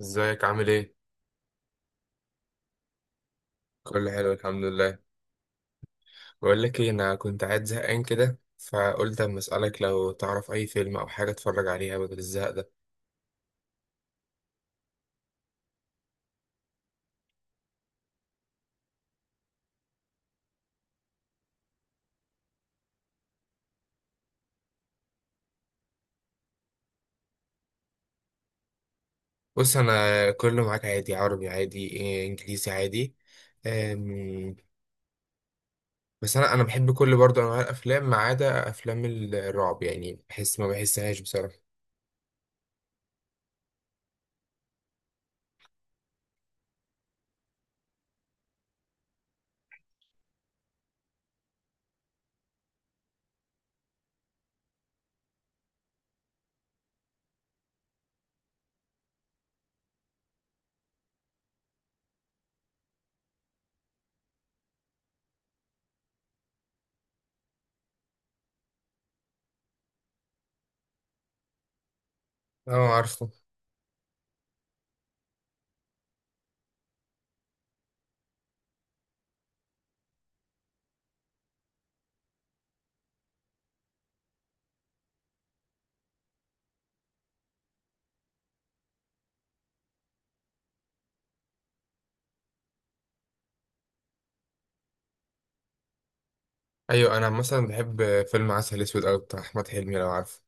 ازيك عامل ايه؟ كله حلو الحمد لله. بقول لك ايه، انا كنت قاعد زهقان كده فقلت اما اسالك لو تعرف اي فيلم او حاجه اتفرج عليها بدل الزهق ده. بص، انا كله معاك عادي، عربي عادي إيه، انجليزي عادي. أم، بس انا بحب كل برضه انواع الافلام ما عدا افلام الرعب، يعني بحس ما بحسهاش بصراحه. اه، عارفه. ايوه، انا مثلا بحب فيلم عسل اسود أوي بتاع احمد حلمي لو عارفه.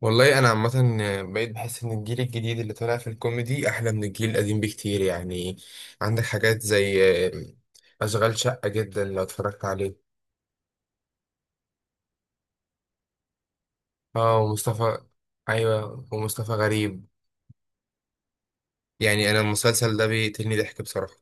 والله انا عامه بقيت بحس ان الجيل الجديد اللي طالع في الكوميدي احلى من الجيل القديم بكتير يعني. عندك حاجات زي اشغال شقه، جدا لو اتفرجت عليه. اه، ومصطفى. ايوه، ومصطفى غريب. يعني انا المسلسل ده بيقتلني ضحك بصراحه.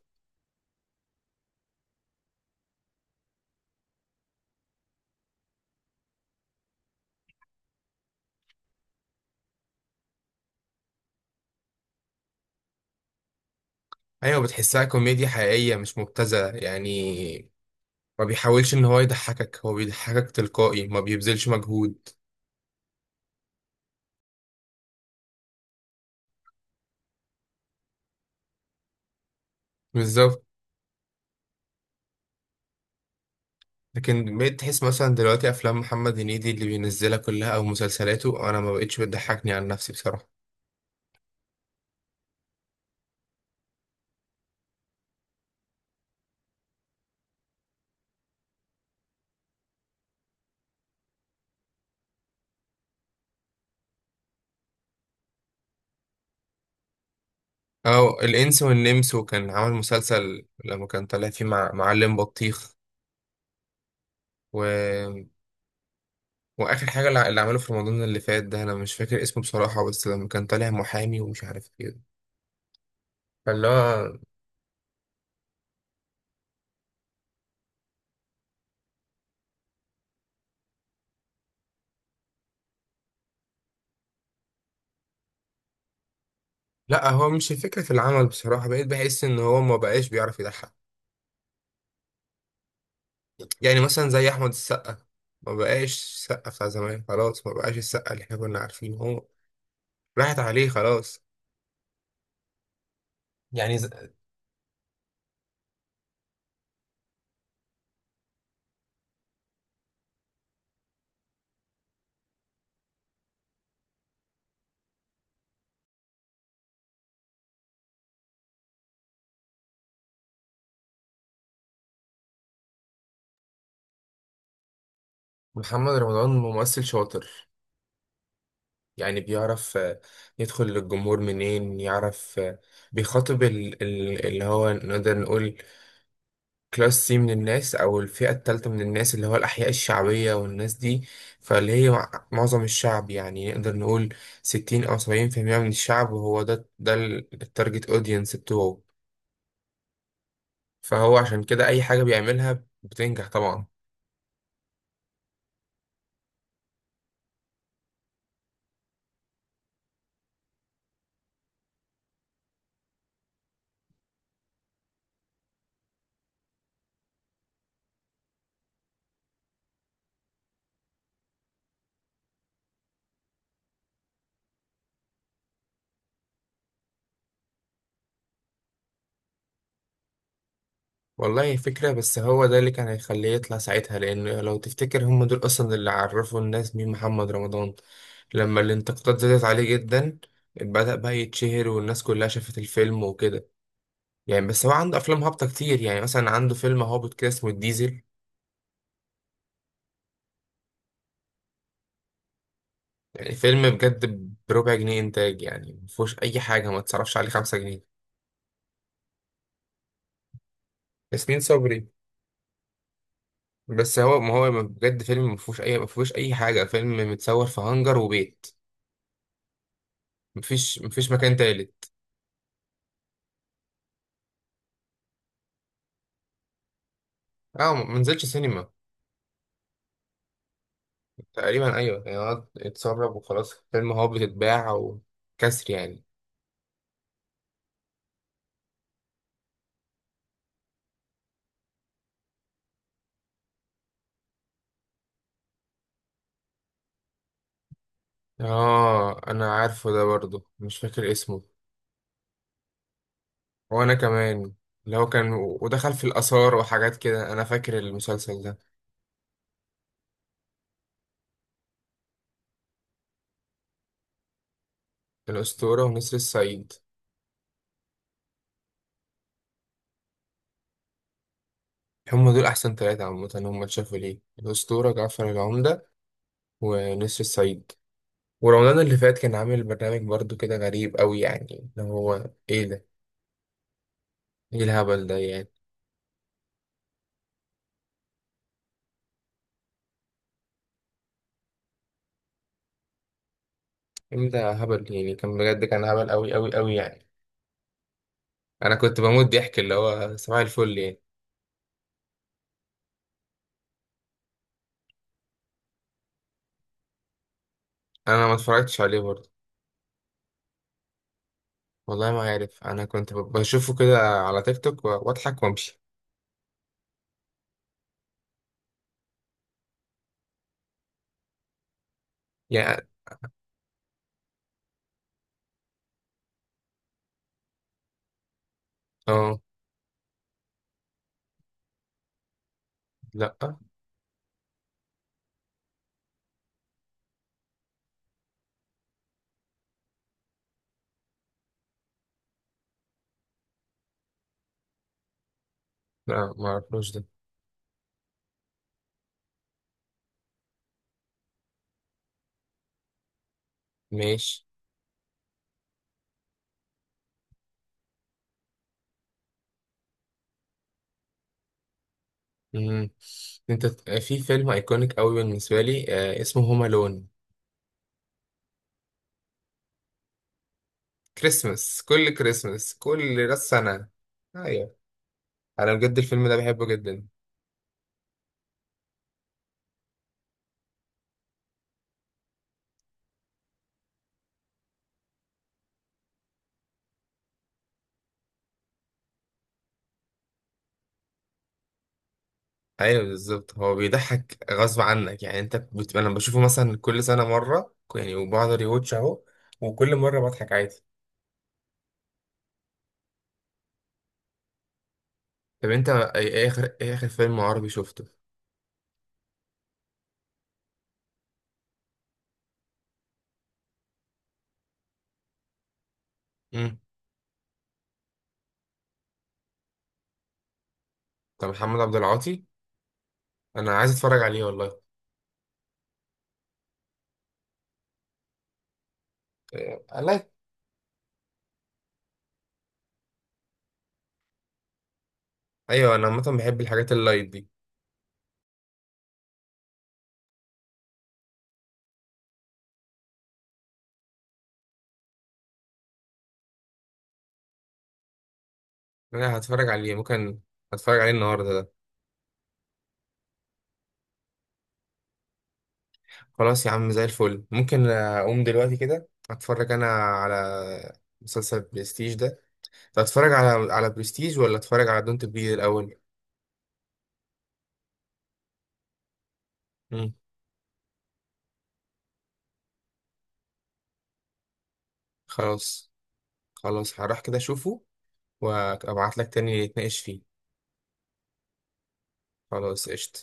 ايوه، بتحسها كوميديا حقيقيه مش مبتذله يعني، ما بيحاولش ان هو يضحكك، هو بيضحكك تلقائي، ما بيبذلش مجهود. بالظبط. لكن بقيت تحس مثلا دلوقتي افلام محمد هنيدي اللي بينزلها كلها او مسلسلاته، انا ما بقتش بتضحكني عن نفسي بصراحه. او الانس والنمس، وكان عامل مسلسل لما كان طالع فيه مع معلم بطيخ و... واخر حاجه اللي عمله في رمضان اللي فات ده انا مش فاكر اسمه بصراحه، بس لما كان طالع محامي ومش عارف ايه. فاللي هو لا، هو مش الفكره في العمل بصراحه، بقيت بحس ان هو ما بقاش بيعرف يضحك. يعني مثلا زي احمد السقا، ما بقاش السقا بتاع زمان، خلاص ما بقاش السقا اللي احنا كنا عارفينه هو. راحت عليه خلاص. يعني ز- محمد رمضان ممثل شاطر، يعني بيعرف يدخل للجمهور منين، يعرف بيخاطب اللي هو نقدر نقول كلاس سي من الناس، او الفئة التالتة من الناس، اللي هو الأحياء الشعبية والناس دي. فاللي هي معظم الشعب، يعني نقدر نقول 60 أو 70% من الشعب، وهو ده التارجت اودينس بتوعه. فهو عشان كده أي حاجة بيعملها بتنجح طبعا. والله فكرة، بس هو ده اللي كان هيخليه يطلع ساعتها، لأن لو تفتكر هم دول أصلا اللي عرفوا الناس مين محمد رمضان. لما الانتقادات زادت عليه جدا بدأ بقى يتشهر، والناس كلها شافت الفيلم وكده يعني. بس هو عنده أفلام هابطة كتير، يعني مثلا عنده فيلم هابط كده اسمه الديزل. يعني فيلم بجد بربع جنيه إنتاج، يعني مفهوش أي حاجة، ما تصرفش عليه 5 جنيه. ياسمين صبري. بس هو ما هو بجد فيلم مفهوش أي مفهوش أي حاجة، فيلم متصور في هانجر وبيت، مفيش مكان تالت. اه ما نزلتش سينما. تقريبا ايوه، يعني قعد اتسرب وخلاص، فيلم هو بتتباع وكسر يعني. اه، انا عارفه ده، برضو مش فاكر اسمه. وانا كمان، اللي هو كان ودخل في الاثار وحاجات كده، انا فاكر المسلسل ده. الاسطوره ونسر الصعيد، هم دول احسن ثلاثه عامه هم اتشافوا ليه، الاسطوره، جعفر العمده، ونسر الصعيد. ورمضان اللي فات كان عامل برنامج برضو كده غريب قوي، يعني اللي هو ايه ده، ايه الهبل ده يعني. الفيلم ده هبل يعني، كان بجد كان هبل أوي أوي أوي يعني. أنا كنت بموت ضحك، اللي هو صباح الفل يعني. أنا ما اتفرجتش عليه برضه. والله ما عارف، أنا كنت بشوفه كده على تيك توك وأضحك وأمشي يعني. أه. لأ لأ، ما أعرفوش ده. ماشي. مم. في فيلم أيكونيك أوي بالنسبة لي آه اسمه هوم ألون. كريسماس، كل كريسماس، كل راس سنة. أيوه. أنا بجد الفيلم ده بحبه جدا. ايوه بالظبط، هو بيضحك غصب عنك يعني. انا بشوفه مثلا كل سنه مره يعني، وبقعد ريواتش اهو، وكل مره بضحك عادي. طب انت ايه، إيه اخر ايه اخر فيلم عربي شفته؟ امم. طب محمد عبد العاطي، انا عايز اتفرج عليه والله. إيه، لايت. ايوه انا عامه بحب الحاجات اللايت دي. انا هتفرج عليه ممكن، هتفرج عليه النهارده ده. خلاص يا عم، زي الفل، ممكن اقوم دلوقتي كده اتفرج انا على مسلسل برستيج ده. طب اتفرج على برستيج ولا اتفرج على دونت بريد الاول؟ مم. خلاص. خلاص هروح كده اشوفه وابعت لك تاني نتناقش فيه. خلاص قشطة.